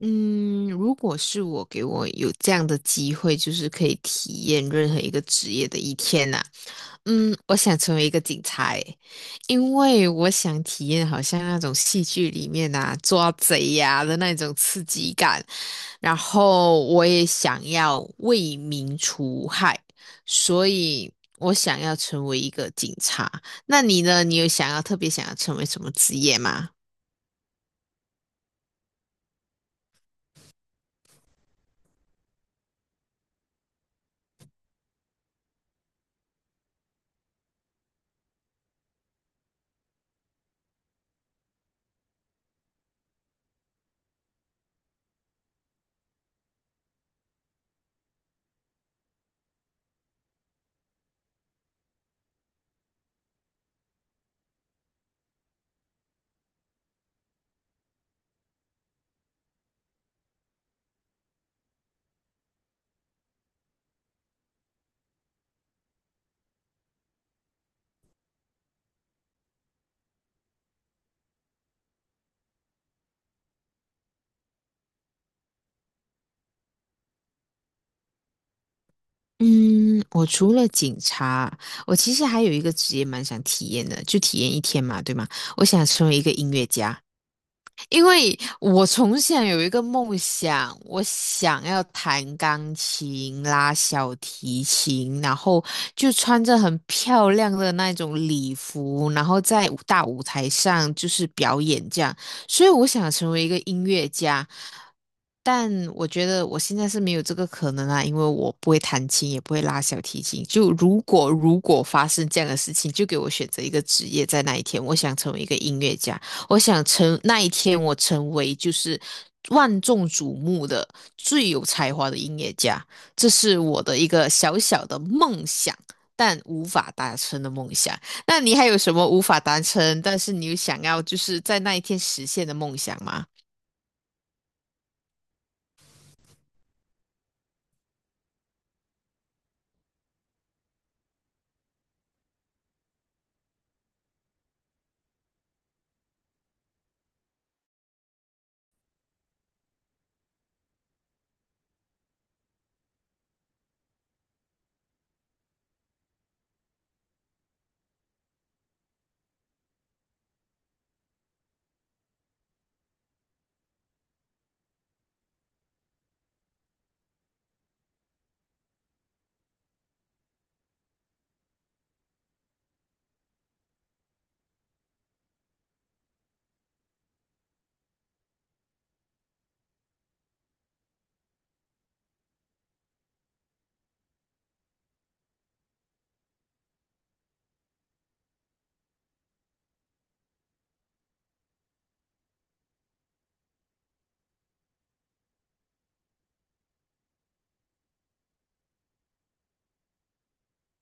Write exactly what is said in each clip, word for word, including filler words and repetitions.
嗯，如果是我给我有这样的机会，就是可以体验任何一个职业的一天呐、嗯，我想成为一个警察诶，因为我想体验好像那种戏剧里面呐抓贼呀、的那种刺激感，然后我也想要为民除害，所以我想要成为一个警察。那你呢？你有想要特别想要成为什么职业吗？嗯，我除了警察，我其实还有一个职业蛮想体验的，就体验一天嘛，对吗？我想成为一个音乐家。因为我从小有一个梦想，我想要弹钢琴、拉小提琴，然后就穿着很漂亮的那种礼服，然后在舞大舞台上就是表演这样。所以我想成为一个音乐家，但我觉得我现在是没有这个可能啊，因为我不会弹琴，也不会拉小提琴。就如果如果发生这样的事情，就给我选择一个职业，在那一天，我想成为一个音乐家。我想成那一天，我成为就是万众瞩目的最有才华的音乐家，这是我的一个小小的梦想，但无法达成的梦想。那你还有什么无法达成，但是你又想要就是在那一天实现的梦想吗？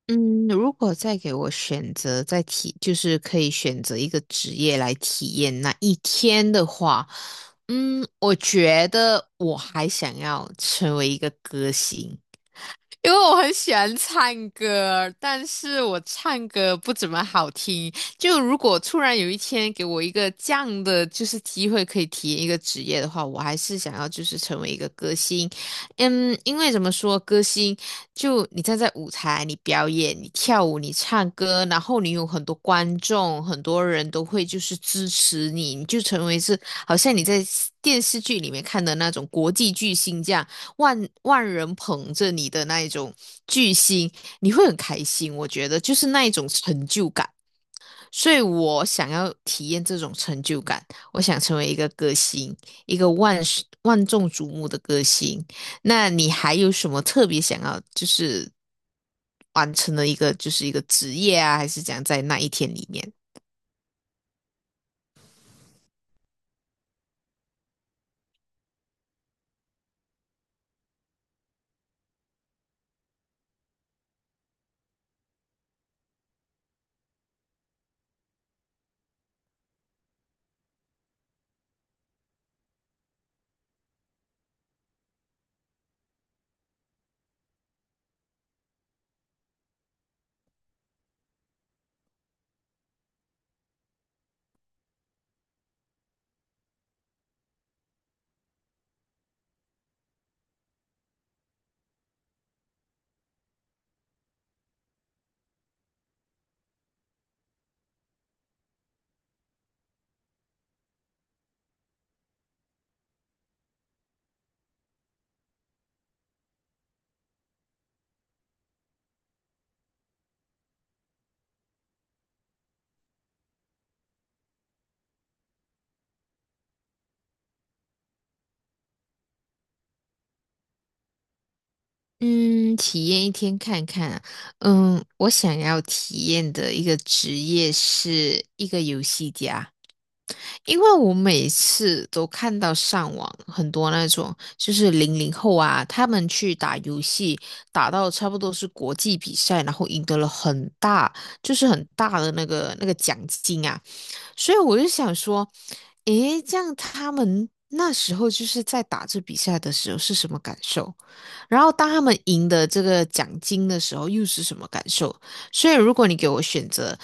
嗯，如果再给我选择，再体，就是可以选择一个职业来体验那一天的话，嗯，我觉得我还想要成为一个歌星。因为我很喜欢唱歌，但是我唱歌不怎么好听。就如果突然有一天给我一个这样的就是机会，可以体验一个职业的话，我还是想要就是成为一个歌星。嗯，因为怎么说，歌星就你站在舞台，你表演，你跳舞，你唱歌，然后你有很多观众，很多人都会就是支持你，你就成为是好像你在电视剧里面看的那种国际巨星这样。万万人捧着你的那一种巨星，你会很开心。我觉得就是那一种成就感，所以我想要体验这种成就感。我想成为一个歌星，一个万世万众瞩目的歌星。那你还有什么特别想要就是完成的一个就是一个职业啊，还是讲在那一天里面？嗯，体验一天看看啊嗯，我想要体验的一个职业是一个游戏家，因为我每次都看到上网很多那种，就是零零后啊，他们去打游戏，打到差不多是国际比赛，然后赢得了很大，就是很大的那个那个奖金啊。所以我就想说，诶，这样他们那时候就是在打这比赛的时候是什么感受？然后当他们赢得这个奖金的时候又是什么感受？所以如果你给我选择，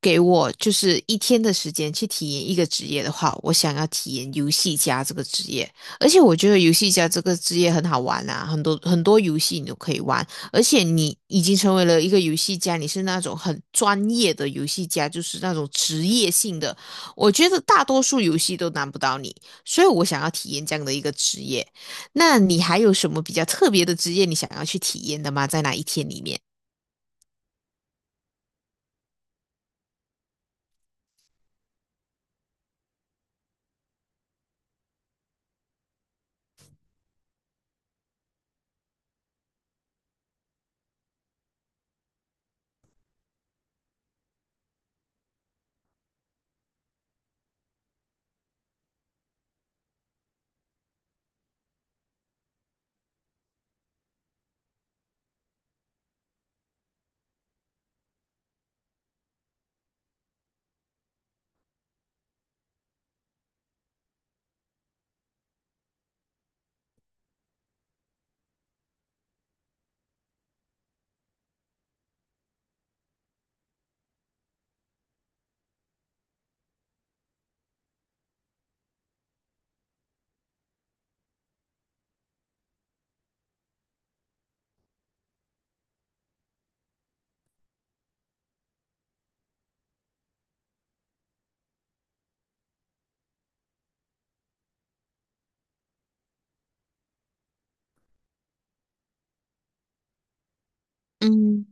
给我就是一天的时间去体验一个职业的话，我想要体验游戏家这个职业，而且我觉得游戏家这个职业很好玩啊，很多很多游戏你都可以玩。而且你已经成为了一个游戏家，你是那种很专业的游戏家，就是那种职业性的，我觉得大多数游戏都难不到你，所以我想要体验这样的一个职业。那你还有什么比较特别的职业你想要去体验的吗？在哪一天里面？嗯，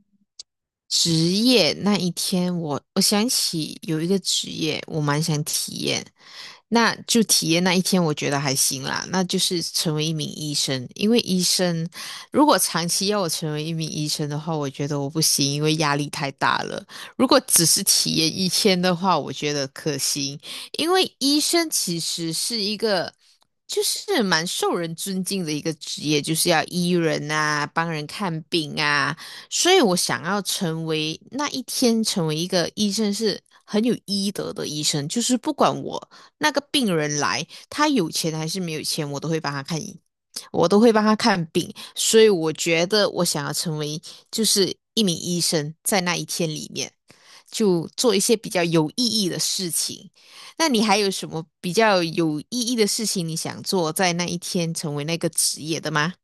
职业那一天我，我想起有一个职业我蛮想体验，那就体验那一天，我觉得还行啦。那就是成为一名医生，因为医生如果长期要我成为一名医生的话，我觉得我不行，因为压力太大了。如果只是体验一天的话，我觉得可行，因为医生其实是一个就是蛮受人尊敬的一个职业，就是要医人啊，帮人看病啊。所以我想要成为那一天成为一个医生是很有医德的医生，就是不管我那个病人来，他有钱还是没有钱，我都会帮他看医，我都会帮他看病。所以我觉得我想要成为就是一名医生，在那一天里面就做一些比较有意义的事情。那你还有什么比较有意义的事情你想做，在那一天成为那个职业的吗？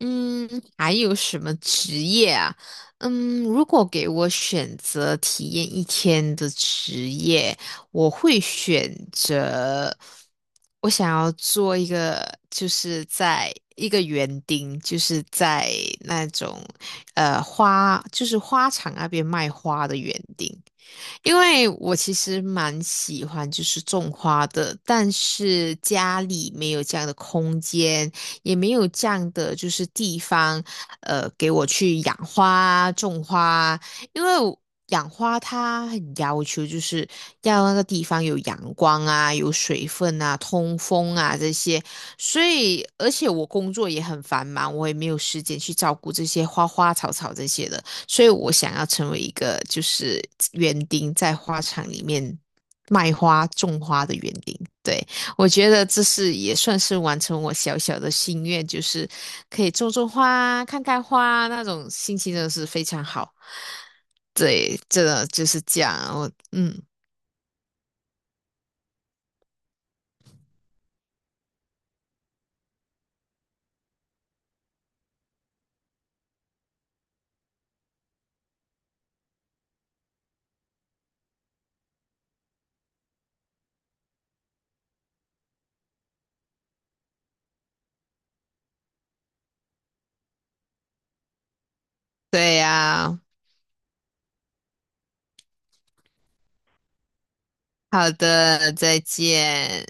嗯，还有什么职业啊？嗯，如果给我选择体验一天的职业，我会选择我想要做一个，就是在一个园丁，就是在那种呃花，就是花场那边卖花的园丁。因为我其实蛮喜欢就是种花的，但是家里没有这样的空间，也没有这样的就是地方，呃，给我去养花、种花。因为我养花它很要求，就是要那个地方有阳光啊、有水分啊、通风啊这些。所以，而且我工作也很繁忙，我也没有时间去照顾这些花花草草这些的。所以我想要成为一个就是园丁，在花场里面卖花、种花的园丁。对，我觉得这是也算是完成我小小的心愿，就是可以种种花、看看花，那种心情真的是非常好。对，这的就是这样。我嗯，对呀、好的，再见。